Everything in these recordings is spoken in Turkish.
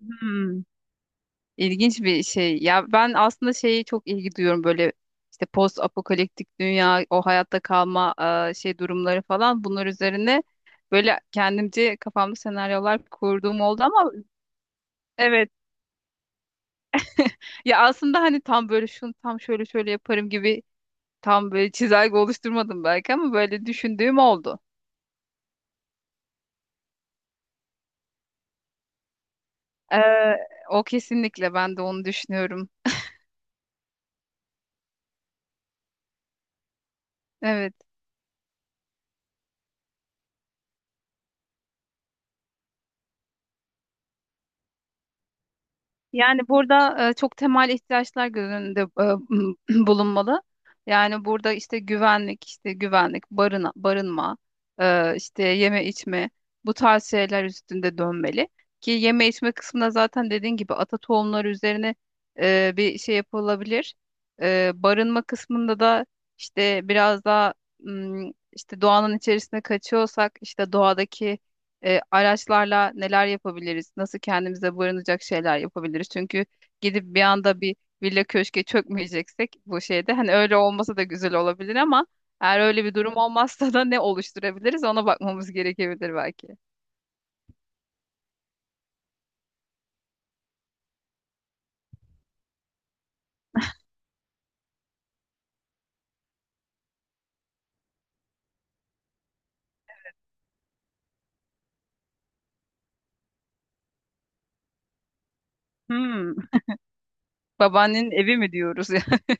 Hmm, ilginç bir şey. Ya ben aslında şeyi çok ilgi duyuyorum böyle işte post apokaliptik dünya, o hayatta kalma şey durumları falan. Bunlar üzerine böyle kendimce kafamda senaryolar kurduğum oldu ama evet. Ya aslında hani tam böyle şunu tam şöyle şöyle yaparım gibi tam böyle çizelge oluşturmadım belki ama böyle düşündüğüm oldu. Ee, o kesinlikle ben de onu düşünüyorum. Evet. Yani burada çok temel ihtiyaçlar göz önünde bulunmalı. Yani burada işte güvenlik, işte güvenlik, barınma, işte yeme içme bu tarz şeyler üstünde dönmeli. Ki yeme içme kısmında zaten dediğin gibi ata tohumları üzerine bir şey yapılabilir. Barınma kısmında da işte biraz daha işte doğanın içerisine kaçıyorsak işte doğadaki araçlarla neler yapabiliriz, nasıl kendimize barınacak şeyler yapabiliriz. Çünkü gidip bir anda bir villa köşke çökmeyeceksek bu şeyde hani öyle olmasa da güzel olabilir ama eğer öyle bir durum olmazsa da ne oluşturabiliriz ona bakmamız gerekebilir belki. Hmm, babaannenin evi mi diyoruz ya?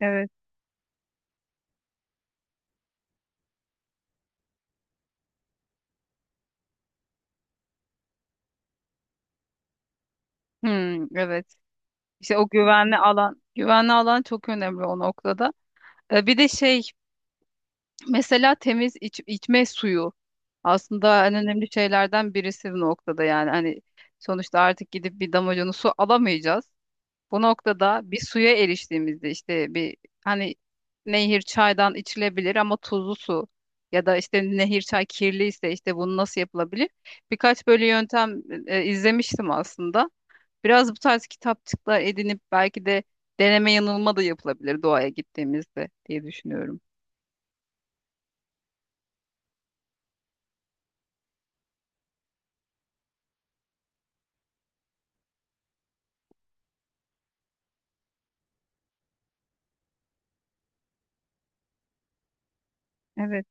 Evet. Hmm, evet. İşte o güvenli alan, güvenli alan çok önemli o noktada. Bir de şey, mesela temiz içme suyu aslında en önemli şeylerden birisi bu noktada yani hani sonuçta artık gidip bir damacana su alamayacağız. Bu noktada bir suya eriştiğimizde işte bir hani nehir çaydan içilebilir ama tuzlu su ya da işte nehir çay kirliyse işte bunu nasıl yapılabilir? Birkaç böyle yöntem izlemiştim aslında. Biraz bu tarz kitapçıklar edinip belki de deneme yanılma da yapılabilir doğaya gittiğimizde diye düşünüyorum. Evet.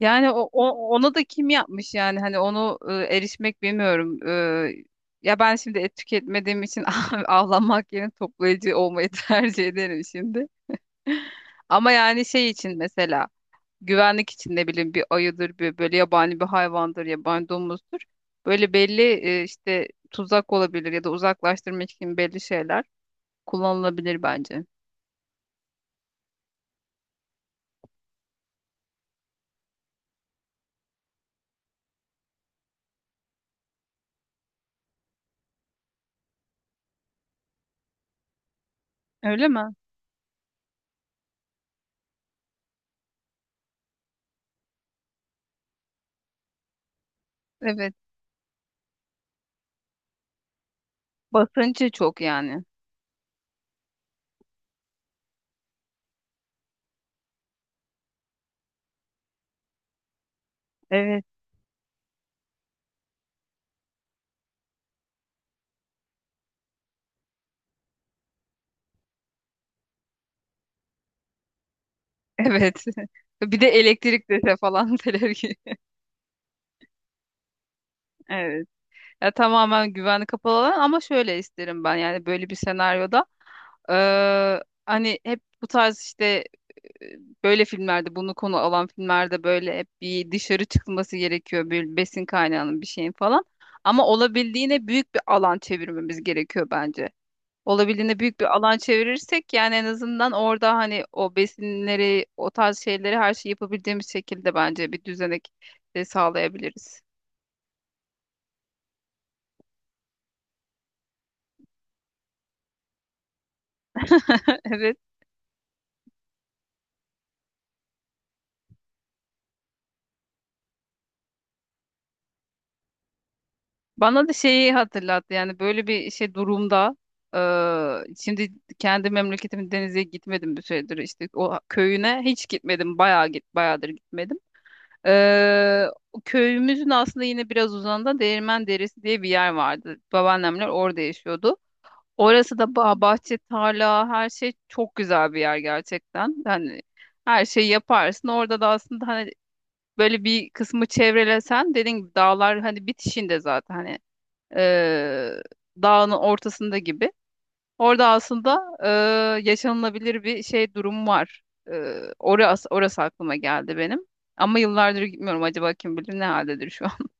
Yani ona da kim yapmış yani hani onu erişmek bilmiyorum. E, ya ben şimdi et tüketmediğim için avlanmak yerine toplayıcı olmayı tercih ederim şimdi. Ama yani şey için mesela güvenlik için ne bileyim bir ayıdır bir böyle yabani bir hayvandır yabani domuzdur. Böyle belli işte tuzak olabilir ya da uzaklaştırmak için belli şeyler kullanılabilir bence. Öyle mi? Evet. Basıncı çok yani. Evet. Evet. Bir de elektrik dese falan teler. Evet. Ya tamamen güvenli kapalı alan ama şöyle isterim ben yani böyle bir senaryoda hani hep bu tarz işte e, böyle filmlerde bunu konu alan filmlerde böyle hep bir dışarı çıkılması gerekiyor bir besin kaynağının bir şeyin falan. Ama olabildiğine büyük bir alan çevirmemiz gerekiyor bence. Olabildiğine büyük bir alan çevirirsek yani en azından orada hani o besinleri, o tarz şeyleri her şeyi yapabildiğimiz şekilde bence bir düzenek de sağlayabiliriz. Evet. Bana da şeyi hatırlattı yani böyle bir şey durumda şimdi kendi memleketimin denize gitmedim bir süredir işte o köyüne hiç gitmedim bayağı bayağıdır gitmedim. O köyümüzün aslında yine biraz uzağında Değirmen Deresi diye bir yer vardı. Babaannemler orada yaşıyordu. Orası da bahçe, tarla, her şey çok güzel bir yer gerçekten. Yani her şeyi yaparsın. Orada da aslında hani böyle bir kısmı çevrelesen dediğin gibi dağlar hani bitişinde zaten hani eee, dağın ortasında gibi. Orada aslında yaşanılabilir bir şey durum var. Orası aklıma geldi benim. Ama yıllardır gitmiyorum. Acaba kim bilir ne haldedir şu an.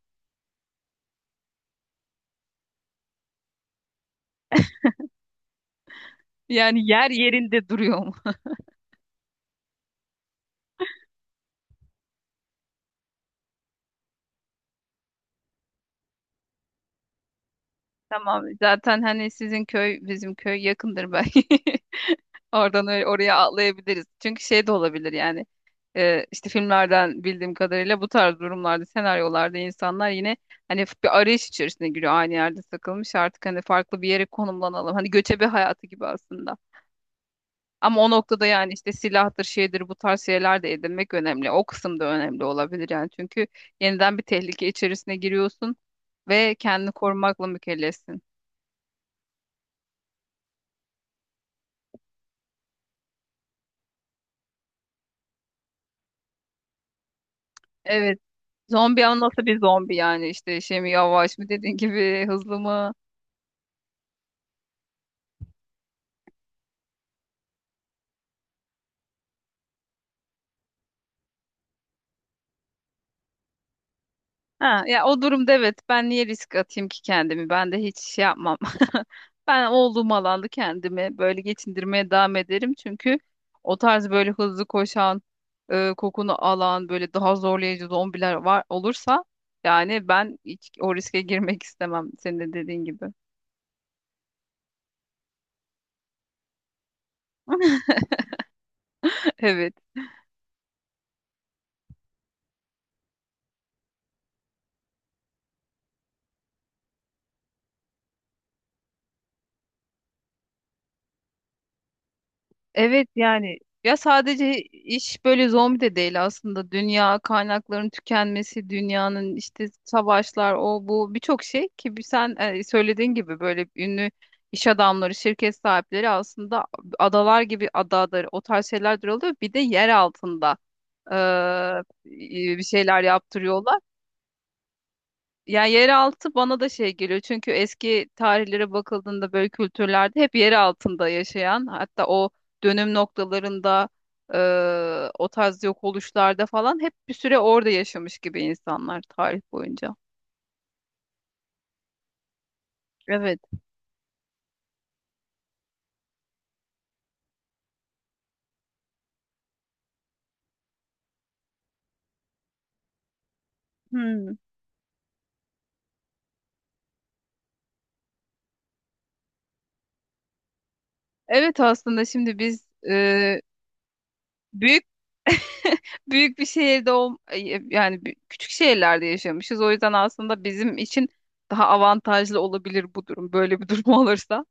Yani yerinde duruyor mu? Tamam. Zaten hani sizin köy bizim köy yakındır belki. Oradan öyle oraya atlayabiliriz. Çünkü şey de olabilir yani. İşte filmlerden bildiğim kadarıyla bu tarz durumlarda, senaryolarda insanlar yine hani bir arayış içerisine giriyor. Aynı yerde takılmış artık hani farklı bir yere konumlanalım. Hani göçebe hayatı gibi aslında. Ama o noktada yani işte silahtır, şeydir bu tarz şeyler de edinmek önemli. O kısım da önemli olabilir yani. Çünkü yeniden bir tehlike içerisine giriyorsun ve kendini korumakla mükellefsin. Evet. Zombi ama nasıl bir zombi yani işte şey mi yavaş mı dediğin gibi hızlı mı? Ha, ya o durumda evet ben niye risk atayım ki kendimi? Ben de hiç şey yapmam. Ben olduğum alanda kendimi böyle geçindirmeye devam ederim. Çünkü o tarz böyle hızlı koşan, kokunu alan böyle daha zorlayıcı zombiler var olursa yani ben hiç o riske girmek istemem senin de dediğin gibi. Evet. Evet yani ya sadece iş böyle zombi de değil aslında dünya kaynakların tükenmesi dünyanın işte savaşlar o bu birçok şey ki bir sen söylediğin gibi böyle ünlü iş adamları şirket sahipleri aslında adalar gibi adadır o tarz şeyler oluyor bir de yer altında bir şeyler yaptırıyorlar. Ya yeraltı bana da şey geliyor çünkü eski tarihlere bakıldığında böyle kültürlerde hep yer altında yaşayan hatta o dönüm noktalarında o tarz yok oluşlarda falan hep bir süre orada yaşamış gibi insanlar tarih boyunca. Evet. Hmm. Evet aslında şimdi biz büyük büyük bir şehirde yani küçük şehirlerde yaşamışız. O yüzden aslında bizim için daha avantajlı olabilir bu durum. Böyle bir durum olursa.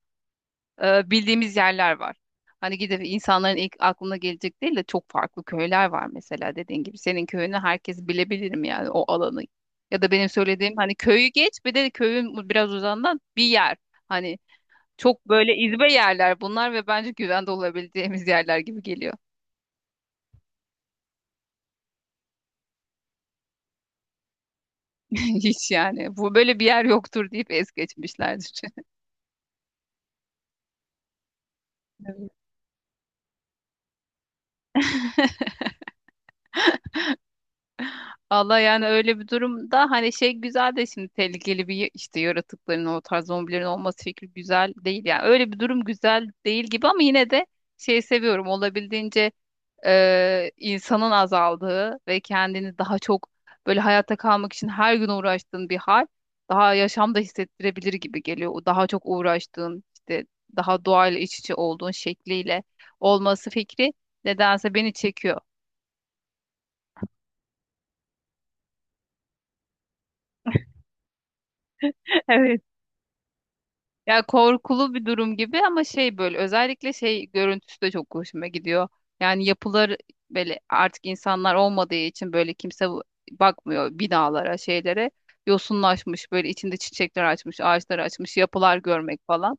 Bildiğimiz yerler var. Hani gidip insanların ilk aklına gelecek değil de çok farklı köyler var mesela dediğin gibi. Senin köyünü herkes bilebilirim yani o alanı. Ya da benim söylediğim hani köyü geç bir de köyün biraz uzağından bir yer. Hani çok böyle izbe yerler bunlar ve bence güvende olabileceğimiz yerler gibi geliyor. Hiç yani bu böyle bir yer yoktur deyip es geçmişlerdir. Allah yani öyle bir durumda hani şey güzel de şimdi tehlikeli bir işte yaratıkların o tarz zombilerin olması fikri güzel değil yani öyle bir durum güzel değil gibi ama yine de şey seviyorum olabildiğince insanın azaldığı ve kendini daha çok böyle hayatta kalmak için her gün uğraştığın bir hal daha yaşamda hissettirebilir gibi geliyor. O daha çok uğraştığın işte daha doğayla iç içe olduğun şekliyle olması fikri nedense beni çekiyor. Ya korkulu bir durum gibi ama şey böyle özellikle şey görüntüsü de çok hoşuma gidiyor. Yani yapılar böyle artık insanlar olmadığı için böyle kimse bakmıyor binalara, şeylere. Yosunlaşmış böyle içinde çiçekler açmış, ağaçlar açmış, yapılar görmek falan.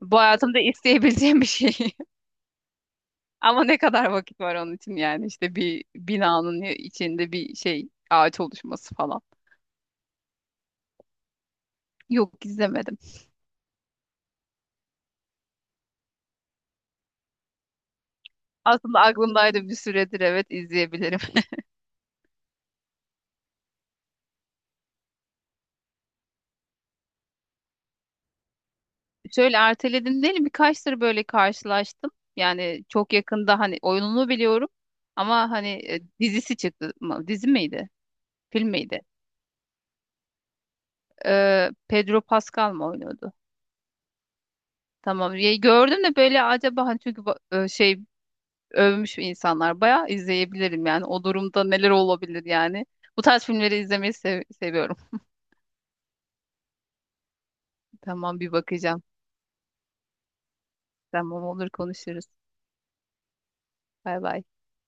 Bu hayatımda isteyebileceğim bir şey. Ama ne kadar vakit var onun için yani işte bir binanın içinde bir şey ağaç oluşması falan. Yok, izlemedim. Aslında aklımdaydı bir süredir evet izleyebilirim. Şöyle erteledim değil birkaç tır böyle karşılaştım. Yani çok yakında hani oyununu biliyorum ama hani dizisi çıktı. Dizi miydi? Film miydi? Pedro Pascal mı oynuyordu? Tamam. Ya, gördüm de böyle acaba hani çünkü şey övmüş insanlar bayağı izleyebilirim yani o durumda neler olabilir yani. Bu tarz filmleri izlemeyi seviyorum. Tamam bir bakacağım. Tamam olur konuşuruz. Bay bay.